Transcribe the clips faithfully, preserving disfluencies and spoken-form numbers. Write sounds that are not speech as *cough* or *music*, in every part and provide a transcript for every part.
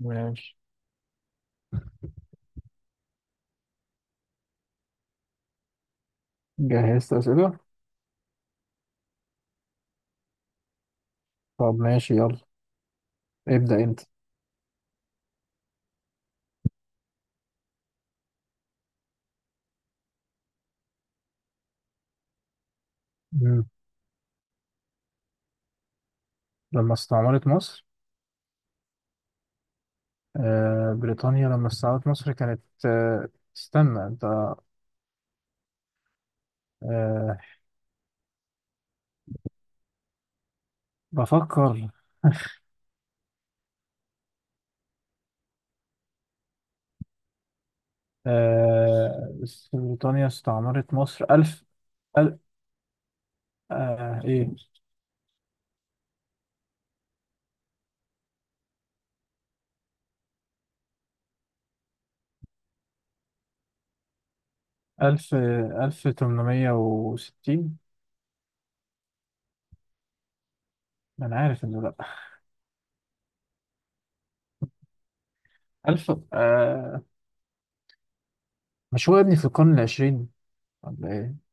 ماشي. جهزت أسئلة. طب ماشي، يلا. ابدأ أنت. مم. لما استعمرت مصر. آه بريطانيا لما استعمرت مصر كانت. آه استنى انت. آه. بفكر. آه بريطانيا استعمرت مصر ألف. أل آه إيه؟ ألف ألف تمنمية وستين. أنا عارف إنه لأ. ألف. آه مش هو يا ابني في القرن العشرين، ولا إيه؟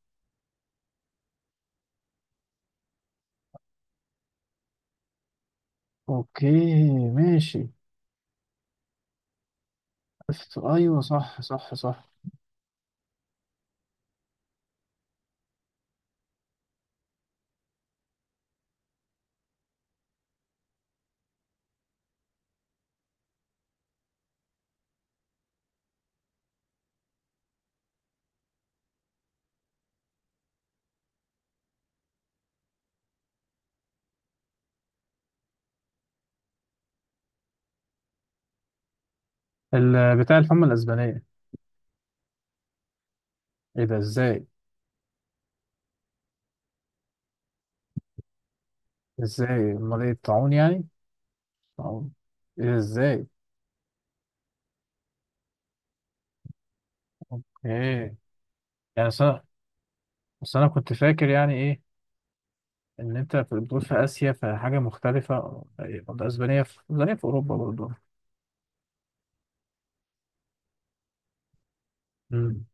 أوكي ماشي. ألف، أيوه، صح صح صح. ال- بتاع الحمى الأسبانية. إيه ده إزاي؟ إزاي أمال؟ إيه، الطاعون يعني. طاعون. إيه ده إزاي؟ أوكي. يعني أصل أنا، بس أنا كنت فاكر يعني إيه؟ إن أنت في- بتقول في آسيا، فحاجة مختلفة. الأسبانية، في الأسبانية في أوروبا برضه. أمم.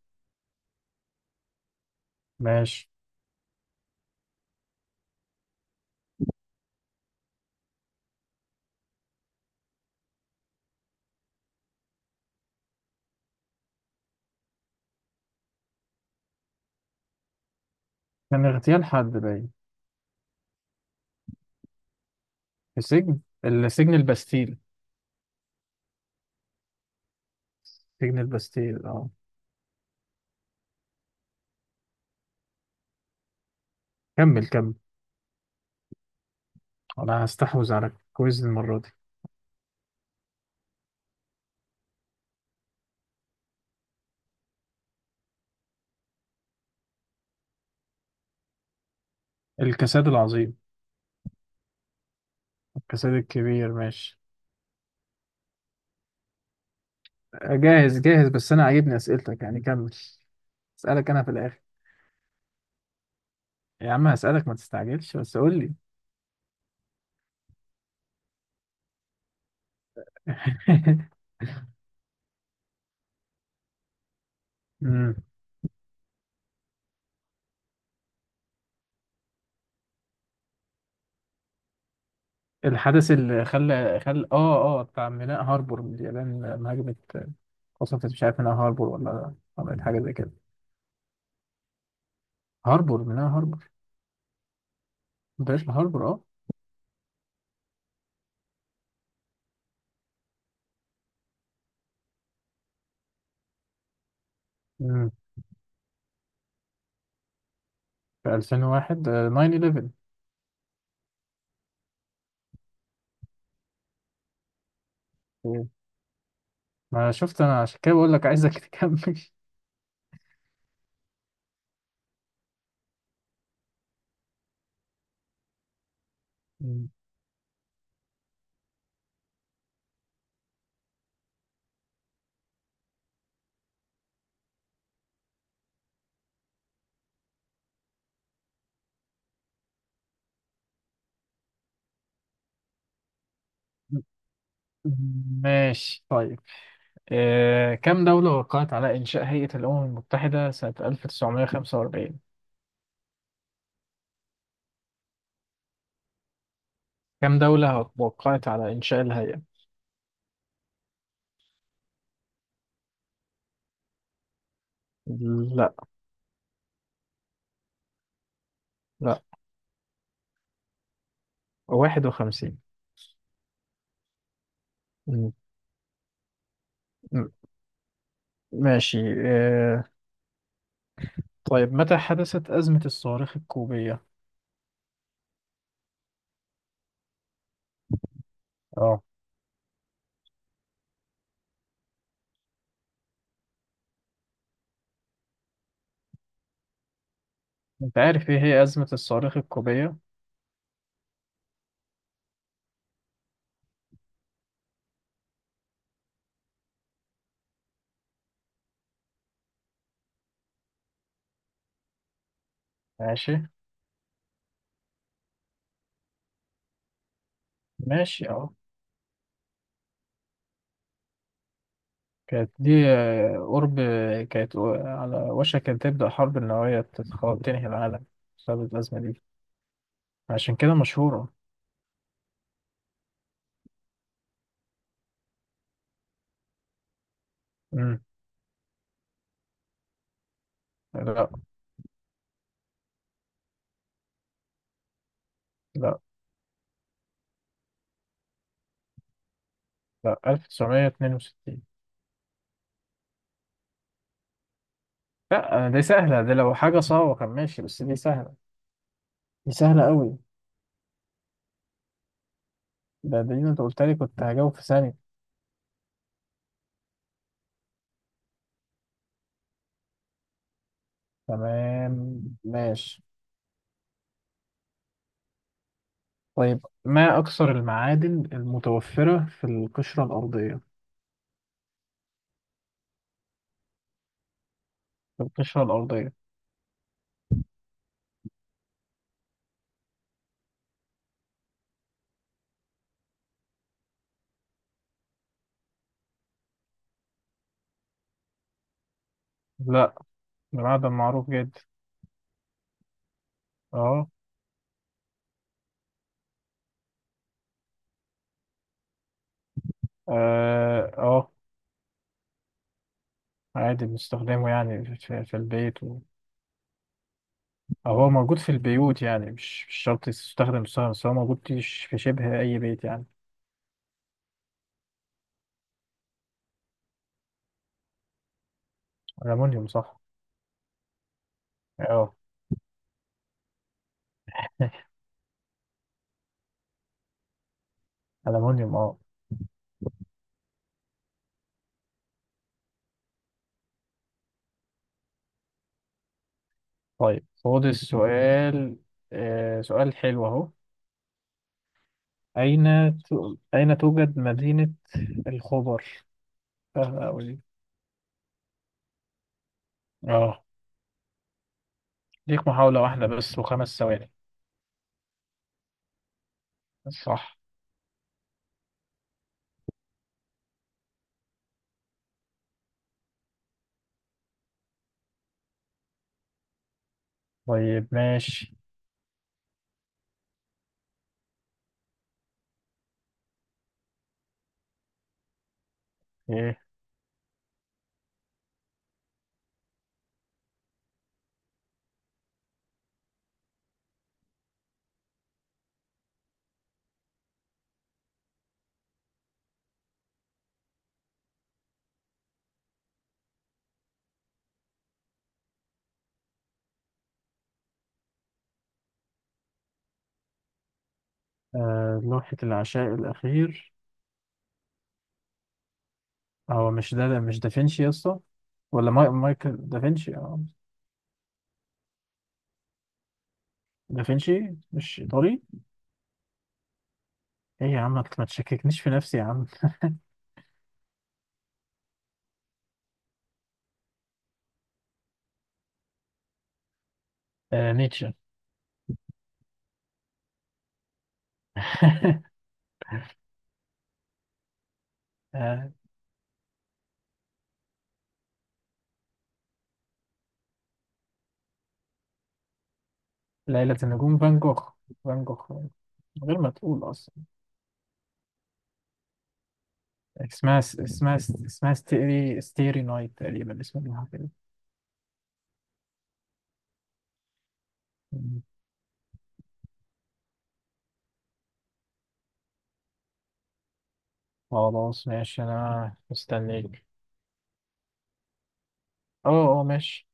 ماشي. كان اغتيال حد باين. في سجن، السجن الباستيل. سجن الباستيل، أه. كمل كمل. أنا هستحوذ على الكويز المرة دي. الكساد العظيم. الكساد الكبير، ماشي. جاهز جاهز، بس انا عاجبني اسئلتك، يعني كمل. اسالك انا في الاخر. يا عم هسالك، ما تستعجلش، بس قول لي. *laughs* أمم. الحدث اللي خلى خلى اه اه بتاع ميناء هاربور، من اليابان لما هاجمت. قصفت، مش عارف، ميناء هاربور ولا عملت حاجه زي كده. هاربور، ميناء هاربور. بلاش، هاربور، اه. أمم. في ألفين و واحد، آه، تسعة حداشر. أوه. ما شفت انا، عشان كده بقول لك عايزك *laughs* تكمل. أمم. ماشي طيب. آه، كم دولة وقعت على إنشاء هيئة الأمم المتحدة سنة ألف تسعمية وخمسة وأربعين؟ كم دولة وقعت على إنشاء الهيئة؟ لا، لا، واحد وخمسين. م- م- ماشي. آه، طيب، متى حدثت أزمة الصواريخ الكوبية؟ اه. أنت عارف إيه هي أزمة الصواريخ الكوبية؟ ماشي، ماشي، اه. كانت دي، آه، قرب. كانت على وشك أن تبدأ حرب نووية تتخ- تنهي العالم، بسبب الأزمة دي. عشان كده مشهورة. مم. لا، لا، لا ألف تسعمية اتنين وستين. لا، دي سهلة، دي لو حاجة صعبة كان ماشي، بس دي سهلة. دي سهلة قوي. ده دي انت قلت لي، كنت هجاوب في ثانية. تمام ماشي. طيب، ما أكثر المعادن المتوفرة في القشرة الأرضية؟ في القشرة الأرضية. لا، ده معدن معروف جدا. اه اه. آه، عادي بنستخدمه يعني في, في البيت و... أو هو موجود في البيوت، يعني مش مش شرط يستخدم، بس هو موجود في شبه أي بيت يعني. الألمونيوم، صح. اه. *laughs* ألمونيوم، اه. طيب خد السؤال. آه سؤال حلو اهو. أين تو... أين توجد مدينة الخبر؟ سهلة أوي دي. اه، ليك محاولة واحدة بس وخمس ثواني. صح. طيب ماشي. ايه. آه لوحة العشاء الأخير. هو مش ده، مش دافنشي يا اسطى؟ ولا ماي... مايكل دافنشي، اه. دافنشي مش إيطالي؟ ايه يا عم، ما تشككنيش في نفسي يا عم. آه نيتشه. *laughs* آه ليلة النجوم، فان جوخ. فان جوخ، من غير ما تقول أصلا. اسمها، اسمها، اسمها ستيري ستيري نايت تقريبا، اسمها كده. مم. خلاص ماشي، أنا مستنيك. أه أه، ماشي.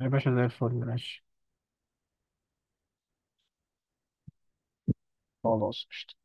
يا باشا زي الفل، ماشي. خلاص.